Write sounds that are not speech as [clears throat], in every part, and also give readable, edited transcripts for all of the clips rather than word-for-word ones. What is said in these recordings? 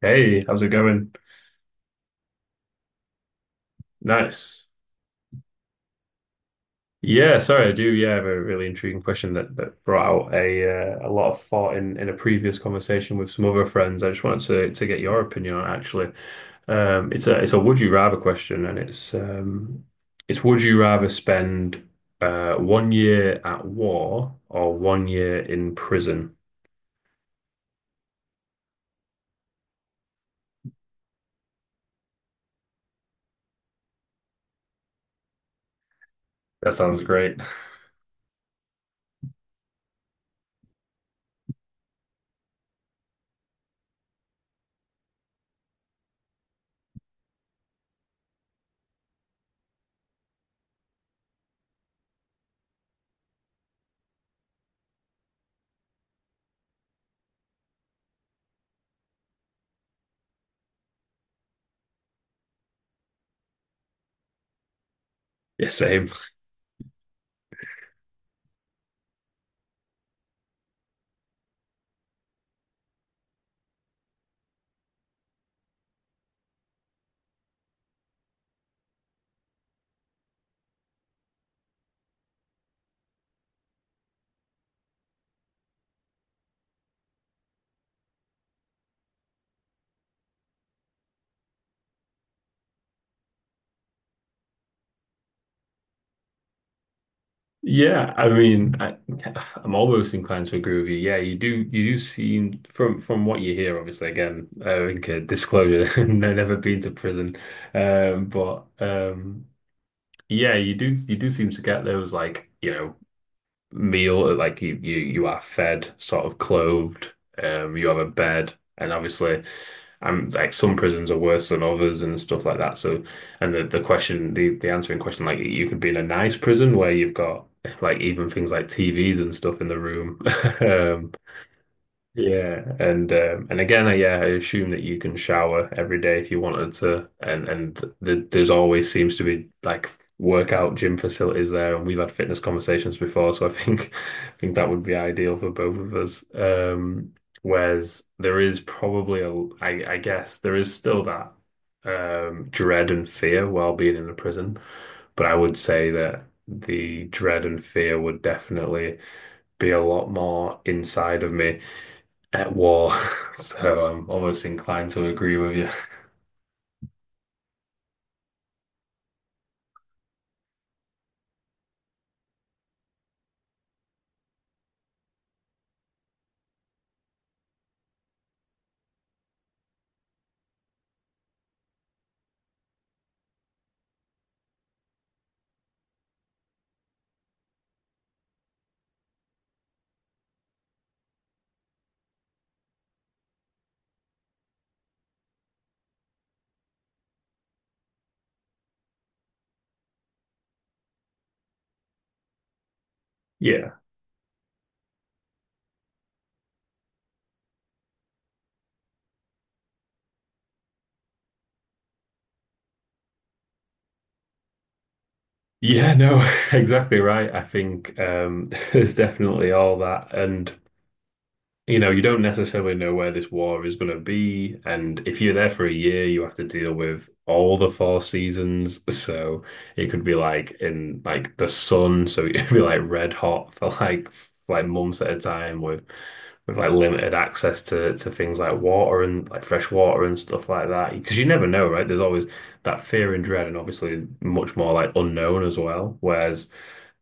Hey, how's it going? Nice. Yeah, sorry, I do. Yeah, have a really intriguing question that brought out a lot of thought in a previous conversation with some other friends. I just wanted to get your opinion on it, actually. It's a would you rather question, and it's would you rather spend one year at war or one year in prison? That sounds great. [laughs] Yeah, same. Yeah, I mean, I'm almost inclined to agree with you. Yeah, you do. You do seem from what you hear. Obviously, again, I think, disclosure. [laughs] No, never been to prison, but yeah, you do. You do seem to get those, like, meal, like, you are fed, sort of clothed, you have a bed, and obviously I'm like, some prisons are worse than others and stuff like that, so, and the question, the answering question, like you could be in a nice prison where you've got like even things like TVs and stuff in the room. [laughs] Um, yeah, and again, yeah, I assume that you can shower every day if you wanted to, and th there's always seems to be like workout gym facilities there, and we've had fitness conversations before, so I think [laughs] I think that would be ideal for both of us. Whereas there is probably I guess there is still that dread and fear while being in a prison, but I would say that the dread and fear would definitely be a lot more inside of me at war. [laughs] So I'm almost inclined to agree with you. Yeah. Yeah, no, [laughs] exactly right. I think, [laughs] there's definitely all that. And you don't necessarily know where this war is going to be. And if you're there for a year, you have to deal with all the four seasons. [laughs] So it could be like in like the sun. So [laughs] it could be like red hot for like like months at a time with like limited access to things like water and like fresh water and stuff like that. Because you never know, right? There's always that fear and dread, and obviously much more like unknown as well. Whereas,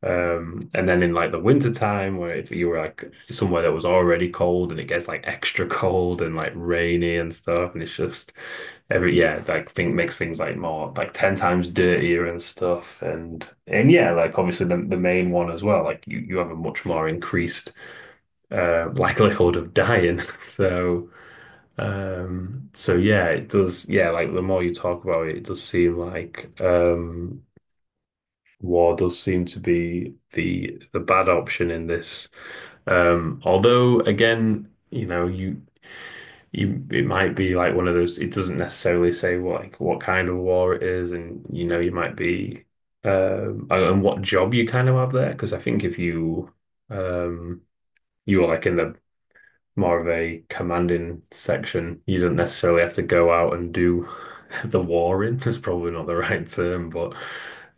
and then in like the winter time, where if you were like somewhere that was already cold and it gets like extra cold and like rainy and stuff, and it's just every, yeah, like thing makes things like more like 10 times dirtier and stuff. And yeah, like obviously the main one as well, like you have a much more increased [laughs] likelihood of dying. [laughs] Yeah, it does, yeah, like the more you talk about it, it does seem like, war does seem to be the bad option in this. Although again, you it might be like one of those. It doesn't necessarily say what, like, what kind of war it is, and you might be, and what job you kind of have there. Because I think if um you were like in the more of a commanding section. You don't necessarily have to go out and do [laughs] the warring, in, probably not the right term, but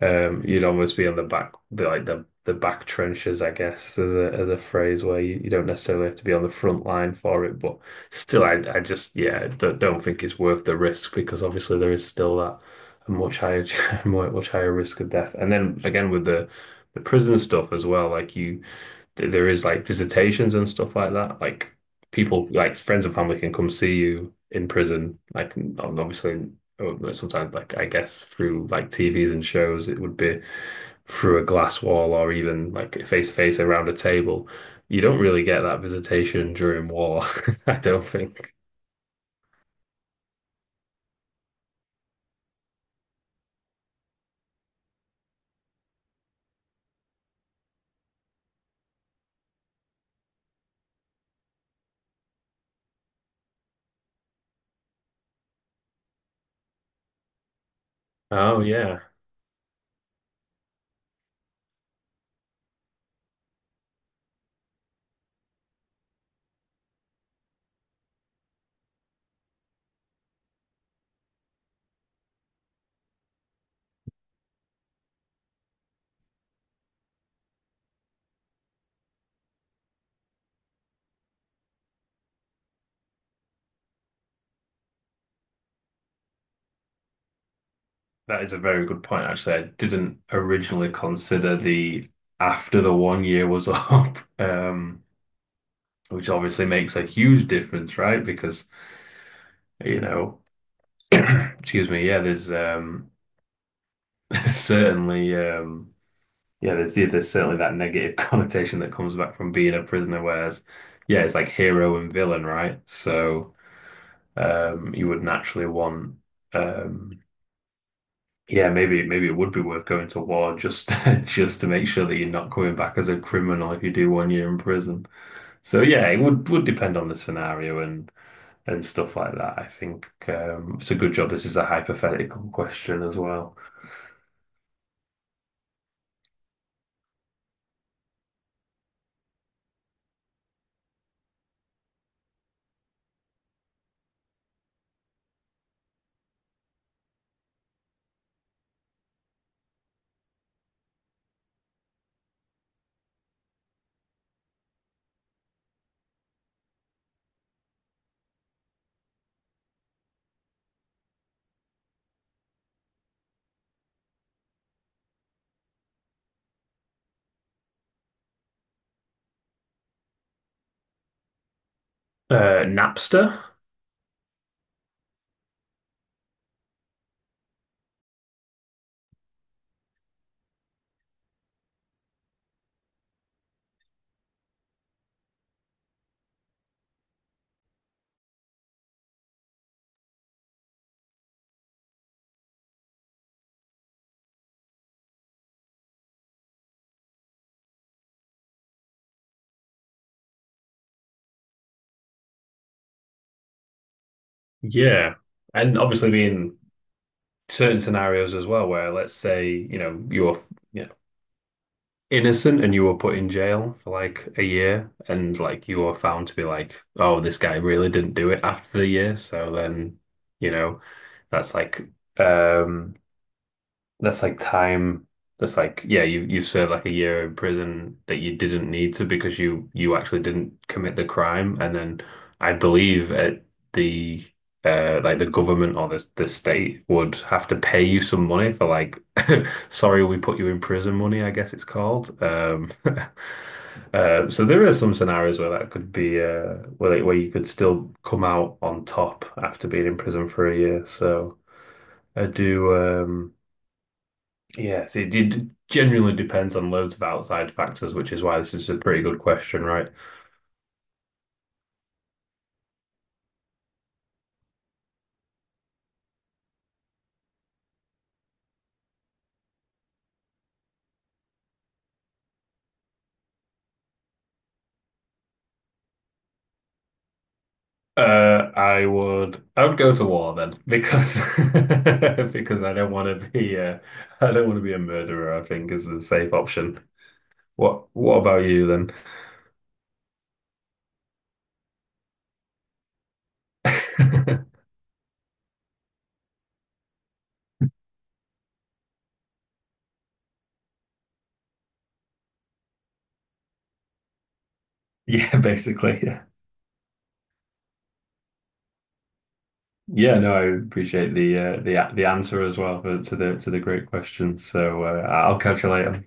you'd almost be on like the back trenches, I guess, as a phrase where you don't necessarily have to be on the front line for it. But still, I just, yeah, don't think it's worth the risk because obviously there is still that much higher [laughs] much higher risk of death. And then again with the prison stuff as well, like you, there is like visitations and stuff like that. Like people like friends and family can come see you in prison. Like, and obviously, oh, sometimes like I guess through like TVs and shows, it would be through a glass wall or even like face to face around a table. You don't really get that visitation during war, [laughs] I don't think. Oh yeah, that is a very good point. Actually, I didn't originally consider the, after the one year was [laughs] up, which obviously makes a huge difference, right? Because you know. [coughs] [clears throat] Excuse me. Yeah, there's, [laughs] certainly, yeah, there's, yeah, there's certainly that negative [laughs] connotation that comes back from being a prisoner. Whereas, yeah, it's like hero and villain, right? So, you would naturally want, um, yeah, maybe it would be worth going to war just [laughs] just to make sure that you're not coming back as a criminal if you do one year in prison. So yeah, it would depend on the scenario and stuff like that. I think, it's a good job. This is a hypothetical question as well. Napster. Yeah. And obviously being certain scenarios as well, where let's say, you're, yeah, innocent, and you were put in jail for like a year, and like you were found to be like, oh, this guy really didn't do it after the year. So then, you know, that's like um that's like time. That's like, yeah, you serve like a year in prison that you didn't need to because you actually didn't commit the crime. And then I believe at the, like the government or the state would have to pay you some money for, like, [laughs] sorry we put you in prison money, I guess it's called. [laughs] So there are some scenarios where that could be, where, like, where you could still come out on top after being in prison for a year. So I do, yes, it genuinely depends on loads of outside factors, which is why this is a pretty good question, right? I would go to war then because [laughs] because I don't want to be I don't want to be a murderer, I think, is the safe option. What about you then? [laughs] Yeah, basically. Yeah. Yeah, no, I appreciate the answer as well, for, to the great question. So I'll catch you later.